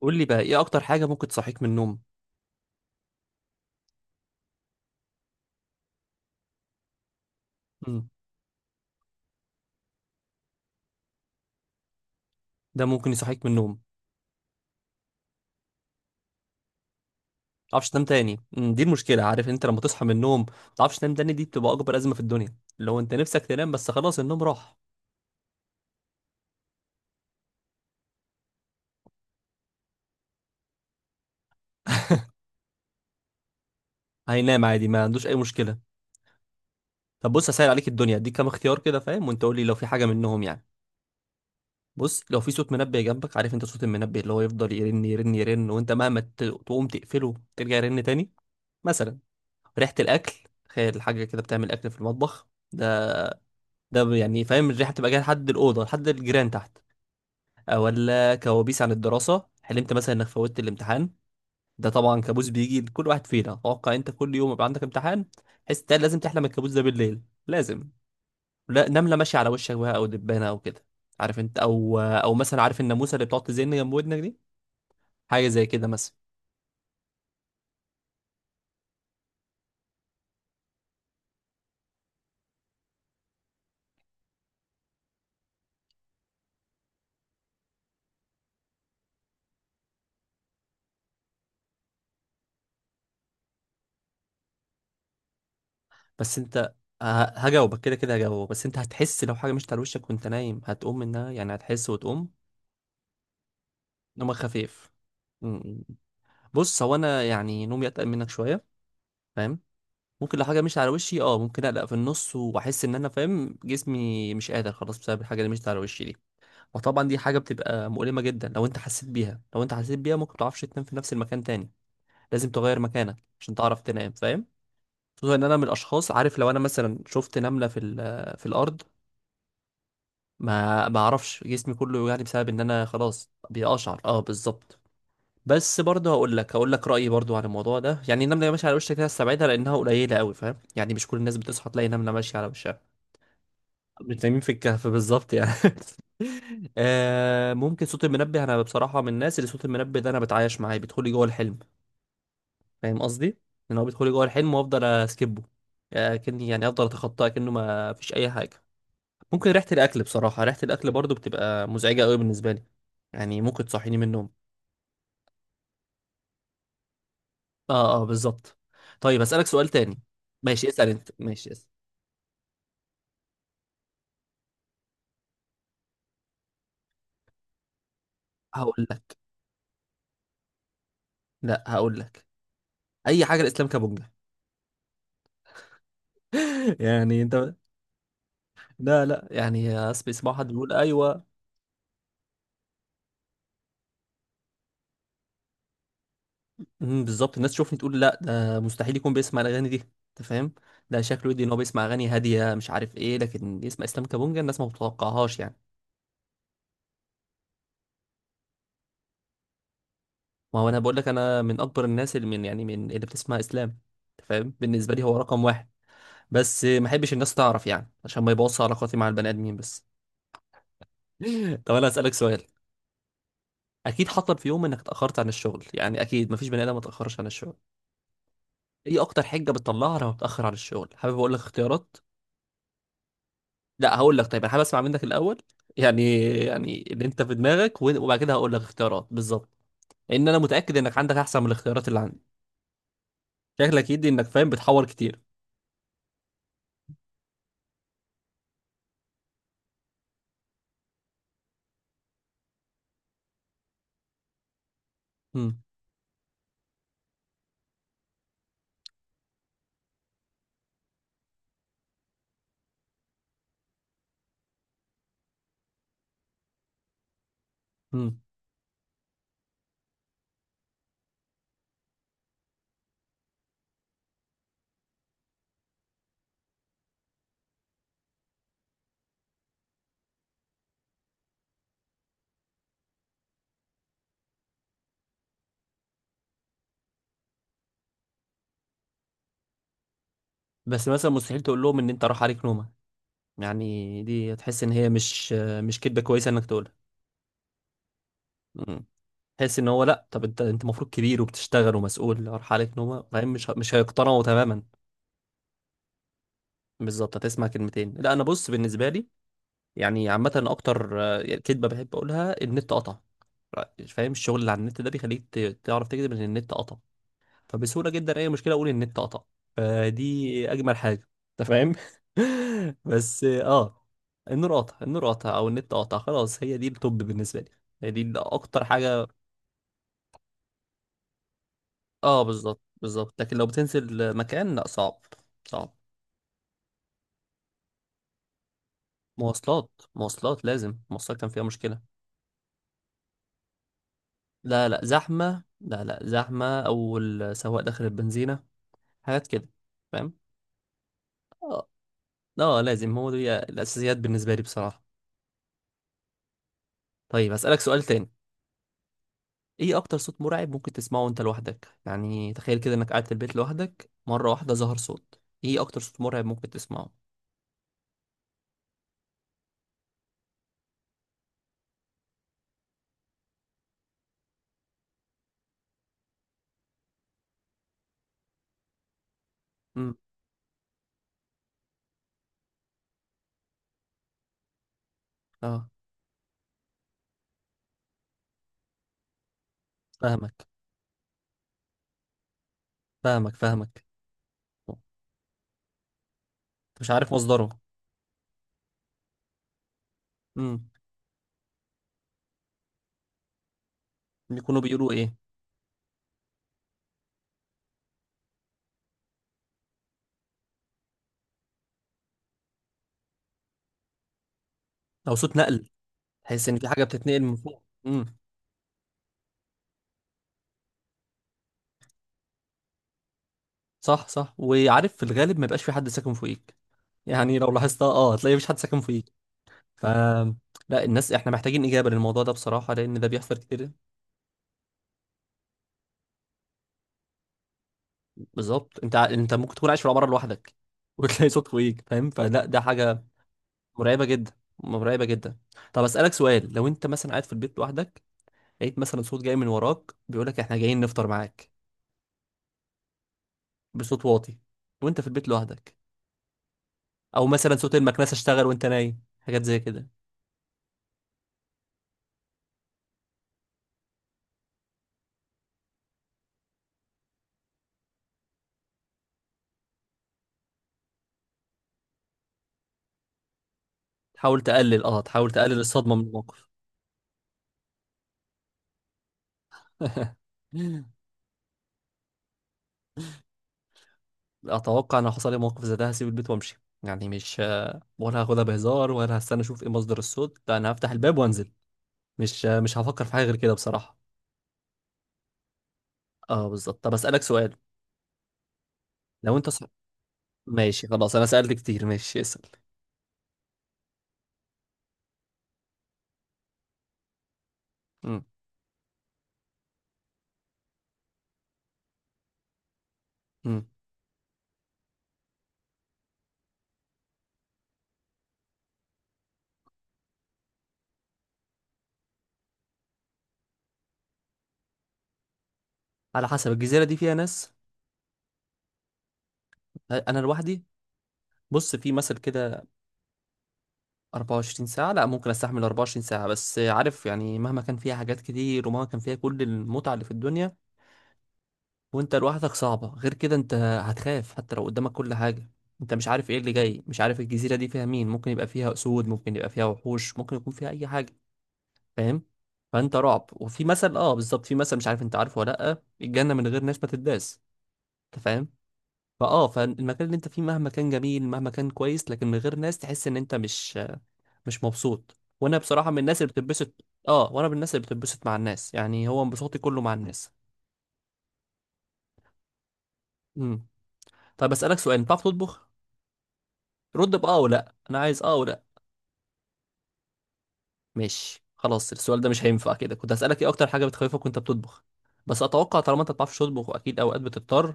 قول لي بقى ايه اكتر حاجه ممكن تصحيك من النوم. مم. ده ممكن يصحيك من النوم ما تعرفش تنام تاني. مم. دي المشكله، عارف انت لما تصحى من النوم ما تعرفش تنام تاني دي بتبقى اكبر ازمه في الدنيا، لو انت نفسك تنام بس خلاص النوم راح. هينام عادي ما عندوش اي مشكله. طب بص، هسهل عليك الدنيا، اديك كام اختيار كده فاهم، وانت قول لي لو في حاجه منهم يعني. بص، لو في صوت منبه جنبك، عارف انت صوت المنبه اللي هو يفضل يرن يرن يرن وانت مهما تقوم تقفله ترجع يرن تاني. مثلا ريحه الاكل، تخيل حاجه كده بتعمل اكل في المطبخ. ده ده يعني فاهم الريحه بتبقى جايه لحد الاوضه لحد الجيران تحت. ولا كوابيس عن الدراسه، حلمت مثلا انك فوتت الامتحان. ده طبعا كابوس بيجي لكل واحد فينا، اتوقع انت كل يوم يبقى عندك امتحان، تحس ده لازم تحلم الكابوس ده بالليل. لازم. لا، نمله ماشيه على وشك بقى او دبانه او كده، عارف انت، او مثلا عارف الناموسه اللي بتقعد تزن جنب ودنك دي، حاجه زي كده مثلا. بس انت ه- هجاوبك كده كده، هجاوبك. بس انت هتحس لو حاجه مشت على وشك وانت نايم هتقوم منها، يعني هتحس وتقوم. نومك خفيف. بص هو انا يعني نومي اتقل منك شويه، فاهم. ممكن لو حاجه مشيت على وشي اه ممكن اقلق في النص واحس ان انا فاهم جسمي مش قادر خلاص بسبب الحاجه اللي مشيت على وشي دي. وطبعا دي حاجه بتبقى مؤلمه جدا، لو انت حسيت بيها، لو انت حسيت بيها ممكن متعرفش تنام في نفس المكان تاني. لازم تغير مكانك عشان تعرف تنام، فاهم. خصوصا ان انا من الاشخاص، عارف لو انا مثلا شفت نمله في في الارض، ما اعرفش جسمي كله يعني بسبب ان انا خلاص بيقشعر. اه بالظبط. بس برضه هقول لك، هقول لك رايي برضه عن الموضوع ده. يعني النمله اللي ماشيه على وشها كده استبعدها لانها قليله قوي، فاهم. يعني مش كل الناس بتصحى تلاقي نمله ماشيه على وشها. مش نايمين في الكهف بالظبط يعني. آه، ممكن صوت المنبه. انا بصراحه من الناس اللي صوت المنبه ده انا بتعايش معاه، بيدخل لي جوه الحلم. فاهم قصدي، ان هو بيدخل لي جوه الحلم وافضل اسكبه، كني يعني افضل اتخطاه كانه ما فيش اي حاجه. ممكن ريحه الاكل، بصراحه ريحه الاكل برضه بتبقى مزعجه قوي بالنسبه لي، يعني ممكن تصحيني من النوم. اه اه بالظبط. طيب اسالك سؤال تاني. ماشي اسال انت، ماشي اسال. هقول لك، لا هقول لك اي حاجه، الاسلام كبونجا. يعني انت. لا لا يعني اسمع، اسمع حد بيقول ايوه. بالظبط، الناس تشوفني تقول لا ده مستحيل يكون بيسمع الاغاني دي، انت فاهم. ده شكله يدي ان هو بيسمع اغاني هاديه مش عارف ايه، لكن يسمع اسلام كابونجا الناس ما بتتوقعهاش يعني. ما هو انا بقول لك انا من اكبر الناس اللي من يعني من اللي بتسمع اسلام. انت فاهم، بالنسبه لي هو رقم واحد. بس ما احبش الناس تعرف يعني عشان ما يبوظش علاقاتي مع البني ادمين بس. طب انا اسالك سؤال. اكيد حصل في يوم انك اتاخرت عن الشغل، يعني اكيد مفيش بني ادم ما اتاخرش عن الشغل. ايه اكتر حجه بتطلعها لما بتاخر عن الشغل؟ حابب اقول لك اختيارات؟ لا هقول لك، طيب انا حابب اسمع منك الاول. يعني يعني اللي انت في دماغك، وبعد كده هقول لك اختيارات بالظبط، لان انا متاكد انك عندك احسن من الاختيارات اللي عندي. شكلك يدي انك فاهم، بتحور كتير. امم. امم. بس مثلا مستحيل تقول لهم ان انت راح عليك نومه، يعني دي تحس ان هي مش كدبه كويسه انك تقولها. امم. تحس ان هو لا، طب انت انت المفروض كبير وبتشتغل ومسؤول راح عليك نومه، فاهم، مش هيقتنعوا تماما. بالظبط هتسمع كلمتين. لا انا بص بالنسبه لي، يعني عامه اكتر كدبه بحب اقولها، النت قطع. فاهم، الشغل اللي على النت ده بيخليك تعرف تكذب ان النت قطع. فبسهوله جدا اي مشكله اقول النت قطع، فدي اجمل حاجه انت فاهم. بس اه، النور قطع، النور قطع او النت قطع، خلاص هي دي التوب بالنسبه لي، هي دي اكتر حاجه. اه بالظبط بالظبط، لكن لو بتنزل مكان لا، صعب. صعب. مواصلات، مواصلات، لازم المواصلات كان فيها مشكلة. لا لا زحمة، لا لا زحمة، أو السواق داخل البنزينة، حاجات كده فاهم. اه اه لازم، هو دي الأساسيات بالنسبة لي بصراحة. طيب هسألك سؤال تاني. ايه أكتر صوت مرعب ممكن تسمعه وانت لوحدك؟ يعني تخيل كده انك قاعد في البيت لوحدك، مرة واحدة ظهر صوت، ايه أكتر صوت مرعب ممكن تسمعه؟ امم. اه. فاهمك، فاهمك، فاهمك. أنت مش عارف مصدره، يكونوا بيقولوا ايه. او صوت نقل، تحس ان في حاجه بتتنقل من فوق. امم. صح صح، وعارف في الغالب ما يبقاش في حد ساكن فوقيك، يعني لو لاحظتها اه هتلاقي مفيش حد ساكن فوقيك. ف، لا الناس احنا محتاجين اجابه للموضوع ده بصراحه، لان ده بيحصل كتير. بالظبط انت انت ممكن تكون عايش في العماره لوحدك وتلاقي صوت فوقيك، فاهم، فلا ده حاجه مرعبه جدا، مرعبه جدا. طب اسالك سؤال، لو انت مثلا قاعد في البيت لوحدك، لقيت مثلا صوت جاي من وراك بيقول لك احنا جايين نفطر معاك، بصوت واطي، وانت في البيت لوحدك، او مثلا صوت المكنسه اشتغل وانت نايم، حاجات زي كده. تحاول تقلل، اه تحاول تقلل الصدمه من الموقف. اتوقع ان لو حصل لي موقف زي ده هسيب البيت وامشي، يعني مش ولا هاخدها بهزار ولا هستنى اشوف ايه مصدر الصوت، لا انا هفتح الباب وانزل، مش هفكر في حاجه غير كده بصراحه. اه بالظبط. طب اسالك سؤال، لو انت صح... ماشي خلاص انا سالت كتير. ماشي اسال. امم. امم. على حسب الجزيره دي فيها ناس. انا لوحدي. بص في مثل كده، 24 ساعة لا ممكن استحمل 24 ساعة، بس عارف يعني مهما كان فيها حاجات كتير ومهما كان فيها كل المتعة اللي في الدنيا، وانت لوحدك صعبة، غير كده انت هتخاف حتى لو قدامك كل حاجة، انت مش عارف ايه اللي جاي، مش عارف الجزيرة دي فيها مين، ممكن يبقى فيها اسود، ممكن يبقى فيها وحوش، ممكن يكون فيها اي حاجة، فاهم. فانت رعب، وفي مثل، اه بالظبط، في مثل مش عارف انت عارفه ولا لا، الجنة من غير ناس ما تداس، انت فاهم. فاه، فالمكان اللي انت فيه مهما كان جميل مهما كان كويس لكن من غير ناس تحس ان انت مش مبسوط، وانا بصراحه من الناس اللي بتتبسط، اه وانا من الناس اللي بتتبسط مع الناس، يعني هو انبساطي كله مع الناس. امم. طيب اسالك سؤال، انت بتعرف تطبخ؟ رد باه او لا، انا عايز اه او لا. ماشي خلاص السؤال ده مش هينفع كده، كنت هسالك ايه اكتر حاجه بتخوفك وانت بتطبخ، بس اتوقع طالما انت ما بتعرفش تطبخ واكيد اوقات بتضطر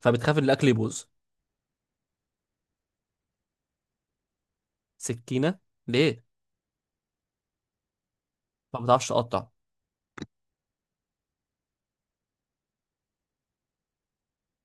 فبتخاف ان الاكل يبوظ. سكينه؟ ليه؟ ما بتعرفش تقطع.